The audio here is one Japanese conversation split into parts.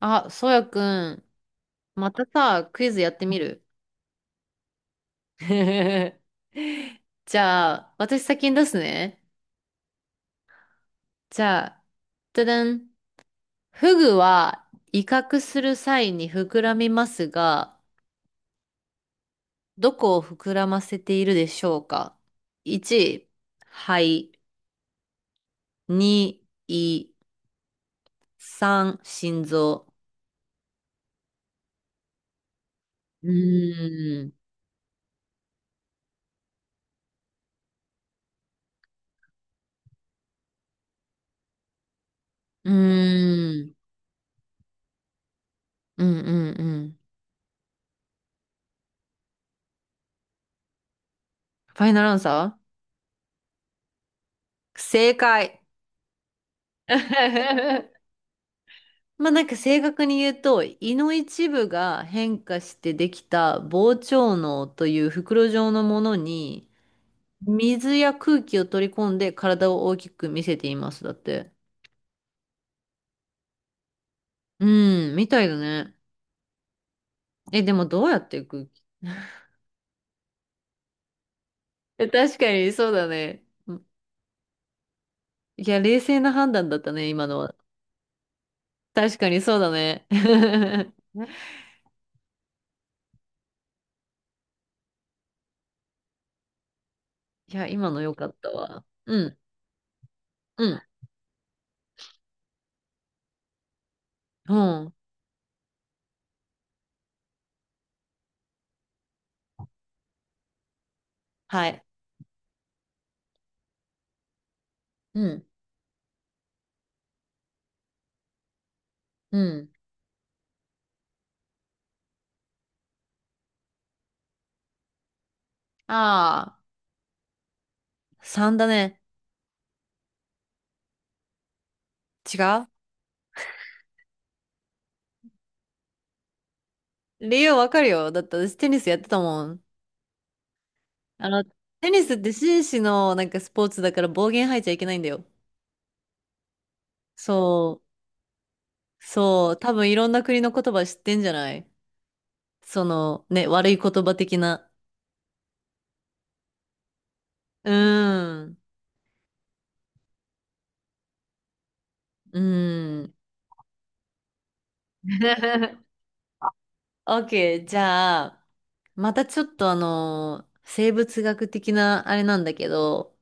あ、そうやくん、またさ、クイズやってみる？ じゃあ、私先に出すね。じゃあ、じゃじゃん。フグは威嚇する際に膨らみますが、どこを膨らませているでしょうか？ 1、肺。2、胃。3、心臓。うーん。うーん。うんうんうん。ファイナルアンサー、正解。まあなんか正確に言うと、胃の一部が変化してできた膨張嚢という袋状のものに、水や空気を取り込んで体を大きく見せています。だって。うん、みたいだね。え、でもどうやって空気 え、確かにそうだね。うん。いや、冷静な判断だったね、今のは。確かにそうだね。いや、今の良かったわ。うん、うん、うん。はい。うん、うん。ああ、3だね。違う？理由わかるよ。だって私テニスやってたもん。あの、テニスって紳士のなんかスポーツだから暴言吐いちゃいけないんだよ。そう、そう、多分いろんな国の言葉知ってんじゃない？その、ね、悪い言葉的な。うーん、うーん。OK、じゃあ、またちょっとあの、生物学的なあれなんだけど、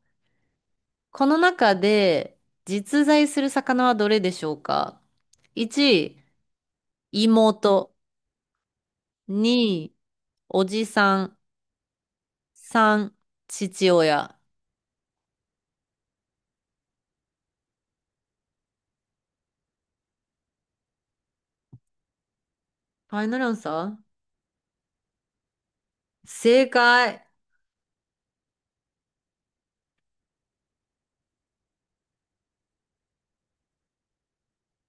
この中で実在する魚はどれでしょうか？ 1、妹。2、おじさん。3、父親。ファイナルアンサー、正解。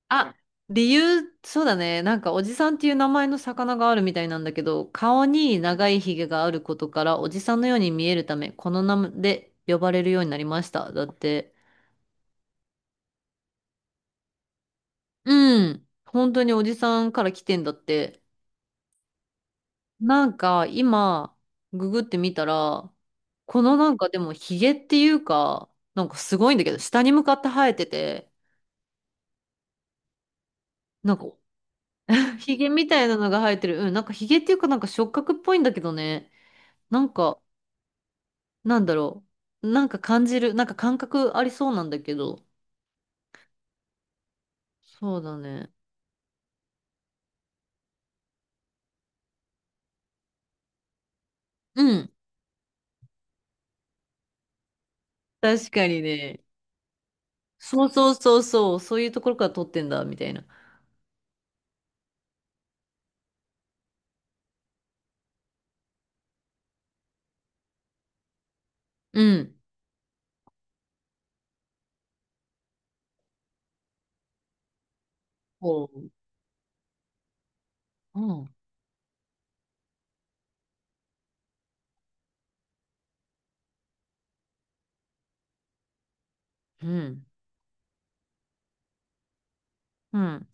あ、理由、そうだね。なんかおじさんっていう名前の魚があるみたいなんだけど、顔に長いひげがあることから、おじさんのように見えるため、この名前で呼ばれるようになりました。だって。うん。本当におじさんから来てんだって。なんか今、ググってみたら、このなんかでもヒゲっていうか、なんかすごいんだけど、下に向かって生えてて、なんか ヒゲみたいなのが生えてる。うん、なんかヒゲっていうかなんか触覚っぽいんだけどね。なんか、なんだろう。なんか感じる、なんか感覚ありそうなんだけど。そうだね。うん。確かにね。そうそうそうそう、そういうところから撮ってんだ、みたいな。うん。おう。うん。うん。うん。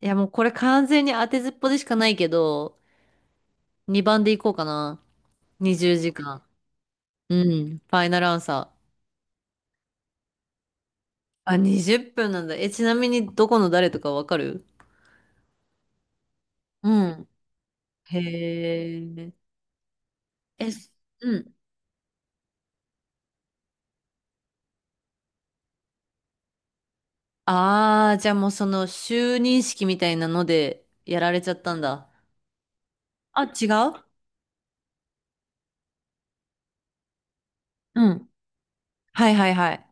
いや、もうこれ完全に当てずっぽでしかないけど、2番でいこうかな。20時間。うん。ファイナルアンサー。あ、20分なんだ。え、ちなみにどこの誰とかわかる？うん。へえ。え、す、うん。ああ、じゃあもうその就任式みたいなのでやられちゃったんだ。あ、違う？うん。はいはいはい。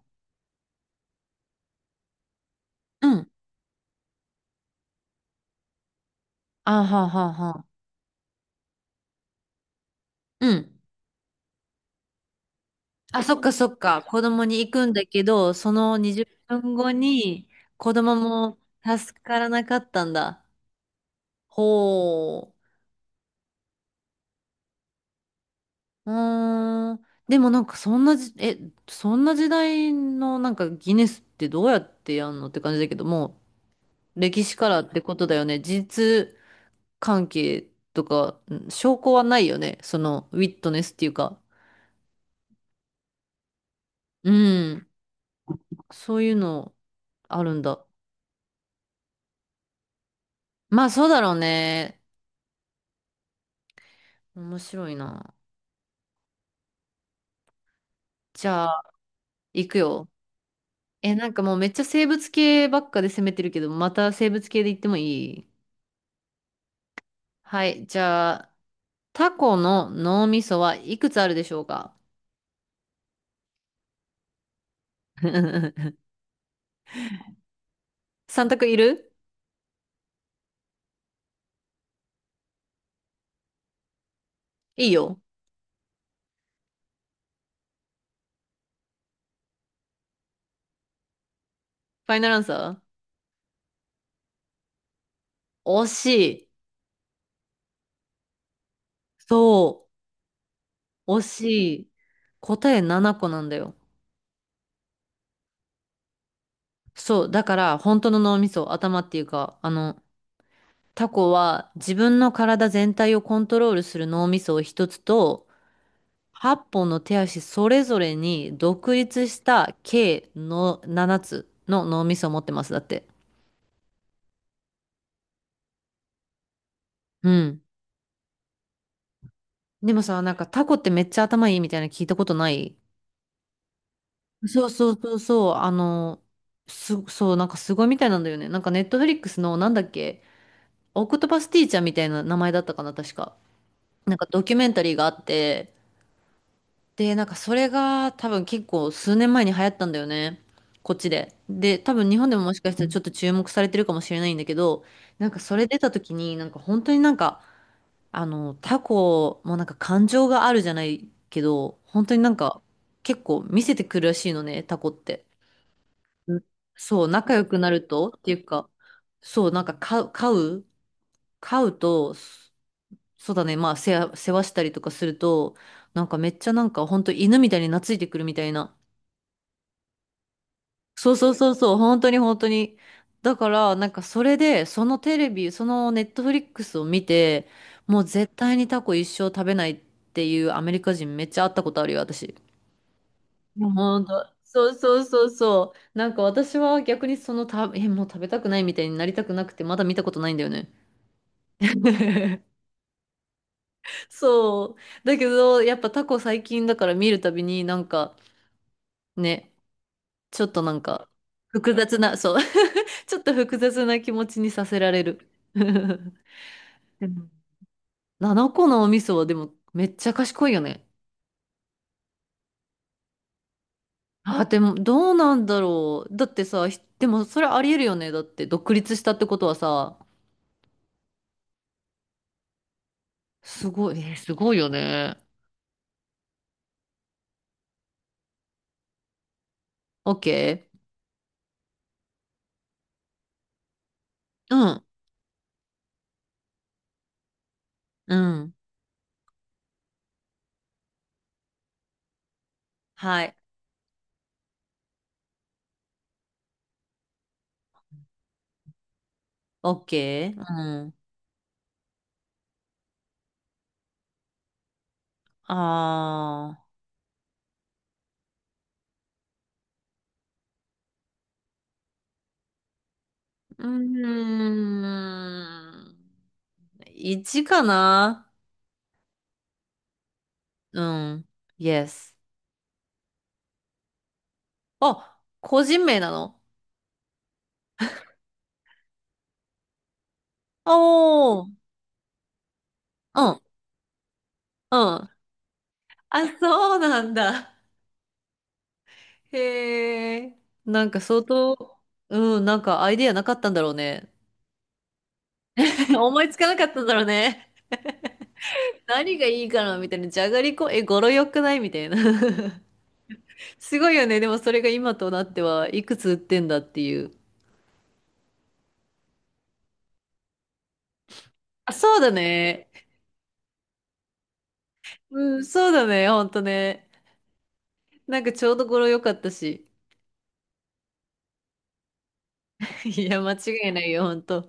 うん。あははは。うん。あ、そっかそっか。子供に行くんだけど、その20分後に子供も助からなかったんだ。ほう。うーん。でもなんかそんなじ、え、そんな時代のなんかギネスってどうやってやんのって感じだけども、歴史からってことだよね。事実関係とか、うん、証拠はないよね。そのウィットネスっていうか。うん。そういうのあるんだ。まあそうだろうね。面白いな。じゃあ、行くよ。え、なんかもうめっちゃ生物系ばっかで攻めてるけど、また生物系で行ってもいい？はい、じゃあ、タコの脳みそはいくつあるでしょうか？ 三択いる？いいよ。ファイナルアンサー、惜しい。そう、惜しい。答え7個なんだよ。そう、だから本当の脳みそ、頭っていうか、あの、タコは自分の体全体をコントロールする脳みそを一つと、8本の手足それぞれに独立した計の7つの脳みそを持ってます。だって。うん。でもさ、なんかタコってめっちゃ頭いいみたいな聞いたことない？そうそうそうそう。あの、す、そう、なんかすごいみたいなんだよね。なんかネットフリックスのなんだっけ、オクトパスティーチャーみたいな名前だったかな、確か。なんかドキュメンタリーがあって、で、なんかそれが多分結構数年前に流行ったんだよね。こっちで。で、多分日本でももしかしたらちょっと注目されてるかもしれないんだけど、なんかそれ出た時に、なんか本当になんか、あの、タコもなんか感情があるじゃないけど、本当になんか結構見せてくるらしいのね、タコって。そう、仲良くなるとっていうか、そう、なんか飼うと、そ、そうだね、まあ世話、世話したりとかすると、なんかめっちゃなんか本当犬みたいに懐いてくるみたいな。そうそうそうそう、本当に本当に。だから、なんかそれで、そのテレビ、そのネットフリックスを見て、もう絶対にタコ一生食べないっていうアメリカ人めっちゃ会ったことあるよ、私。もう本当。そうそうそうそう。なんか私は逆にそのた、え、もう食べたくないみたいになりたくなくて、まだ見たことないんだよね。そう。だけど、やっぱタコ最近だから見るたびになんか、ね、ちょっとなんか複雑な、そう。ちょっと複雑な気持ちにさせられる。でも、個のお味噌はでもめっちゃ賢いよね。あ、でもどうなんだろう。だってさ、ひ、でもそれありえるよね。だって独立したってことはさ、すごい、えーすごいよね。OK？ うん。うん。はい。OK？ うん。あー。うーん。1かな？うん。Yes。 あ、個人名なの？おー。うん、うん。あ、そうなんだ。へえ。なんか相当、うん、なんかアイデアなかったんだろうね。思いつかなかったんだろうね。何がいいかなみたいな。じゃがりこ、え、語呂良くないみたいな。すごいよね。でもそれが今となってはいくつ売ってんだっていう。あ、そうだね。うん、そうだね。ほんとね。なんかちょうど語呂良かったし。いや、間違いないよ、ほんと。